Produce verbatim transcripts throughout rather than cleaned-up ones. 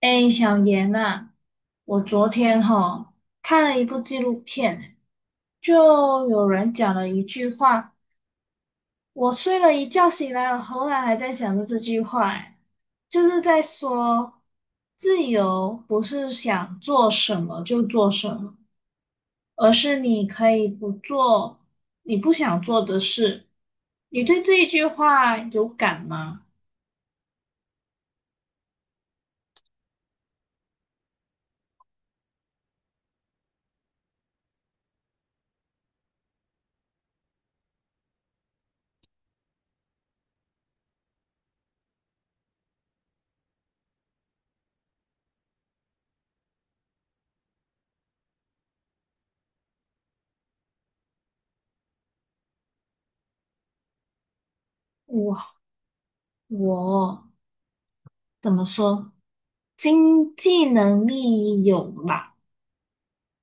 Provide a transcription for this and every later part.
哎，小严啊，我昨天哈看了一部纪录片，就有人讲了一句话，我睡了一觉醒来，我后来还在想着这句话，哎就是在说自由不是想做什么就做什么，而是你可以不做你不想做的事。你对这一句话有感吗？我我怎么说？经济能力有吧，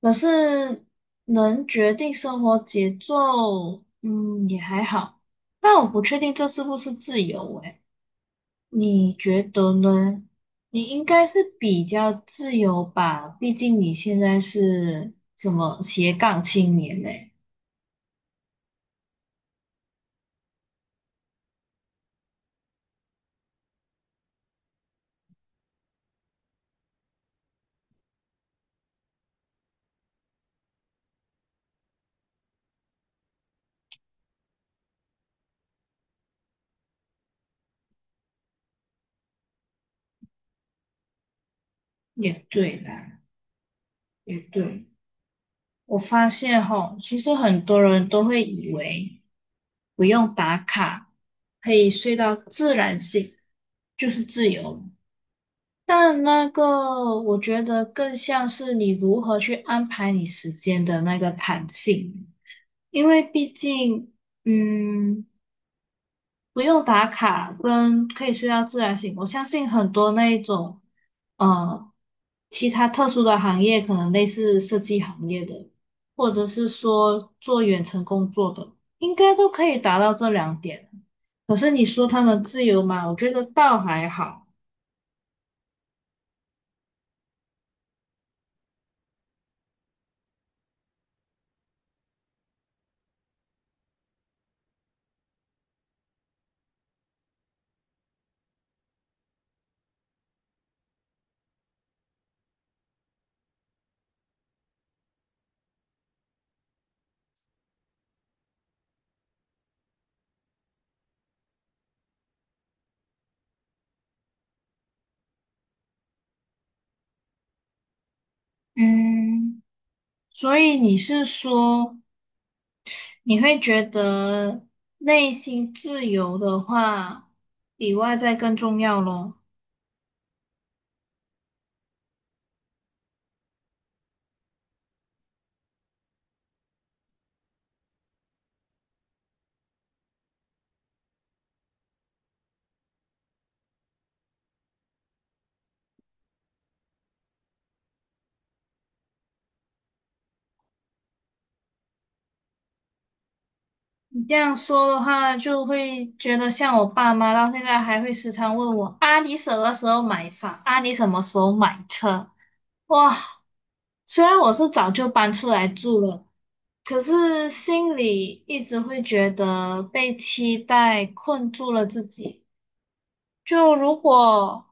可是能决定生活节奏，嗯，也还好。但我不确定这是不是自由诶，你觉得呢？你应该是比较自由吧，毕竟你现在是什么斜杠青年呢？也对啦，也对。我发现吼，其实很多人都会以为不用打卡，可以睡到自然醒，就是自由。但那个，我觉得更像是你如何去安排你时间的那个弹性，因为毕竟，嗯，不用打卡，跟可以睡到自然醒。我相信很多那一种，呃，其他特殊的行业，可能类似设计行业的，或者是说做远程工作的，应该都可以达到这两点。可是你说他们自由嘛，我觉得倒还好。嗯，所以你是说你会觉得内心自由的话，比外在更重要咯？你这样说的话，就会觉得像我爸妈到现在还会时常问我啊，你什么时候买房？啊，你什么时候买车？哇，虽然我是早就搬出来住了，可是心里一直会觉得被期待困住了自己。就如果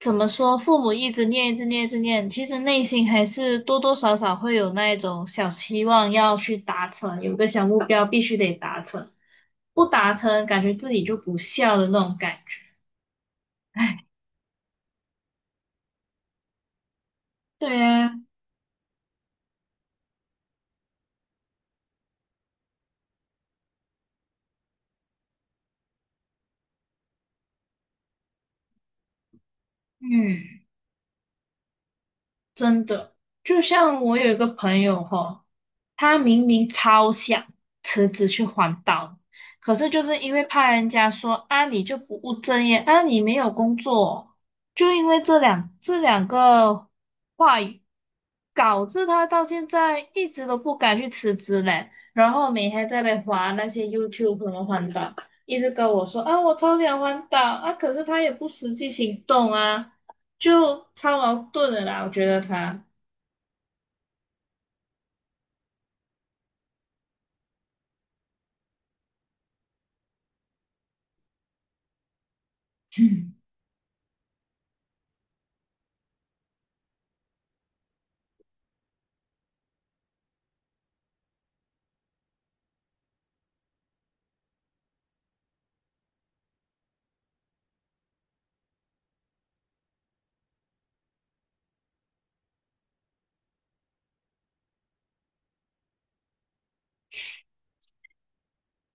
怎么说，父母一直念，一直念，一直念，其实内心还是多多少少会有那一种小期望要去达成，有个小目标必须得达成，不达成感觉自己就不孝的那种感觉。哎，对啊，嗯。真的，就像我有一个朋友哈，他明明超想辞职去环岛，可是就是因为怕人家说啊你就不务正业，啊你没有工作，就因为这两这两个话语，导致他到现在一直都不敢去辞职嘞。然后每天在那边滑那些 YouTube 什么环岛，一直跟我说啊我超想环岛啊，可是他也不实际行动啊。就超矛盾的啦。我觉得他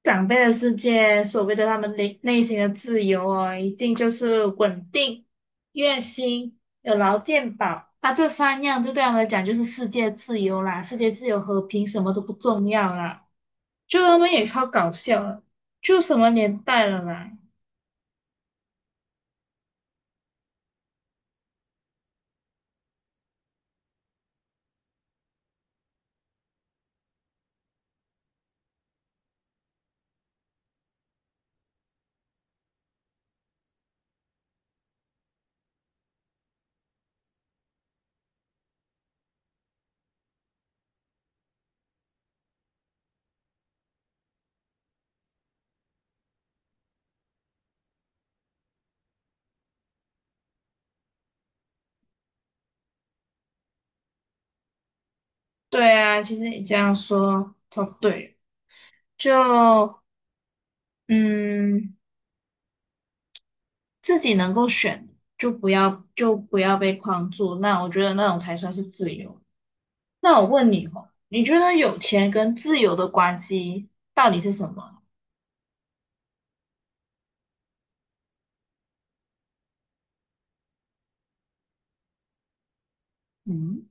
长辈的世界，所谓的他们内内心的自由哦，一定就是稳定、月薪、有劳健保，那这三样就对他们来讲就是世界自由啦，世界自由和平什么都不重要啦。就他们也超搞笑了，就什么年代了啦？对啊，其实你这样说超对，就嗯。自己能够选，就不要就不要被框住。那我觉得那种才算是自由。那我问你哦，你觉得有钱跟自由的关系到底是什么？嗯。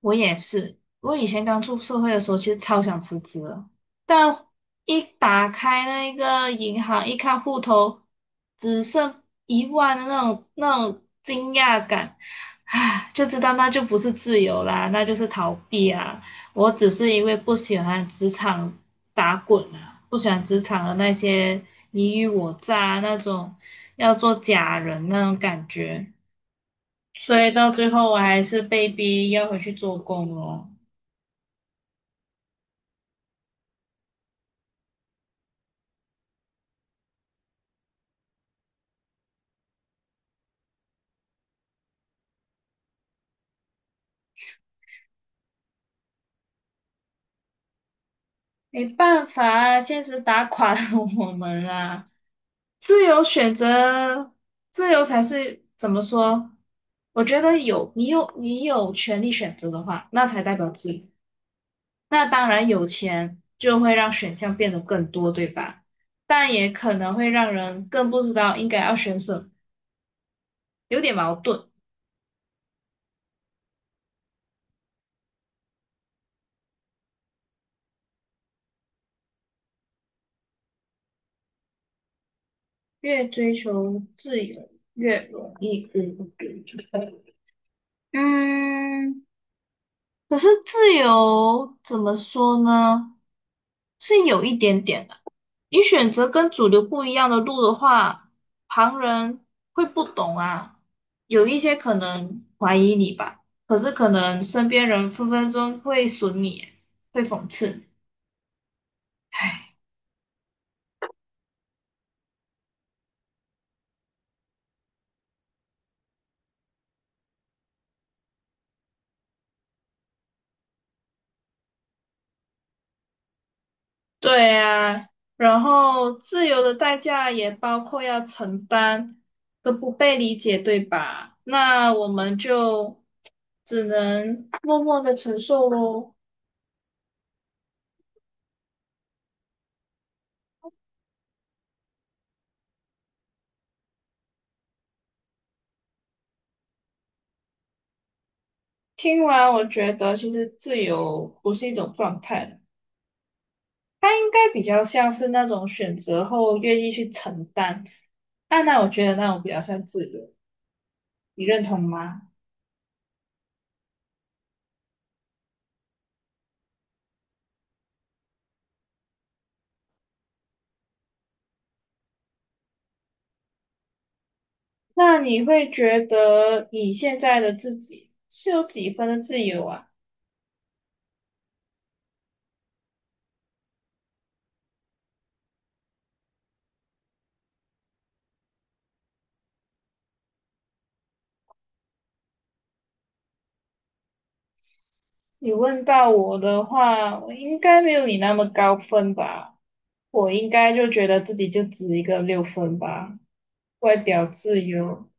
我也是，我以前刚出社会的时候，其实超想辞职的，但一打开那个银行，一看户头只剩一万的那种那种惊讶感，唉，就知道那就不是自由啦，那就是逃避啊。我只是因为不喜欢职场打滚啊，不喜欢职场的那些你虞我诈啊那种要做假人那种感觉。所以到最后我还是被逼要回去做工咯，没办法啊，现实打垮了我们啊。自由选择，自由才是怎么说？我觉得有你有你有权利选择的话，那才代表自由。那当然，有钱就会让选项变得更多，对吧？但也可能会让人更不知道应该要选什么，有点矛盾。越追求自由，越容易孤独。嗯，可是自由怎么说呢？是有一点点的。你选择跟主流不一样的路的话，旁人会不懂啊，有一些可能怀疑你吧，可是可能身边人分分钟会损你，会讽刺你。对呀，然后自由的代价也包括要承担的不被理解，对吧？那我们就只能默默的承受咯。听完，我觉得其实自由不是一种状态，它应该比较像是那种选择后愿意去承担。啊，那我觉得那种比较像自由，你认同吗？那你会觉得你现在的自己是有几分的自由啊？你问到我的话，我应该没有你那么高分吧？我应该就觉得自己就值一个六分吧。外表自由，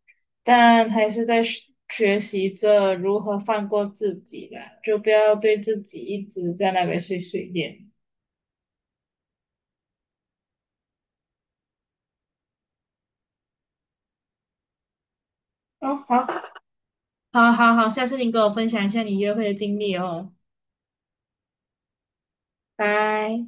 但还是在学学习着如何放过自己啦，就不要对自己一直在那边碎碎念。哦，好，好，好，好，下次你跟我分享一下你约会的经历哦，拜。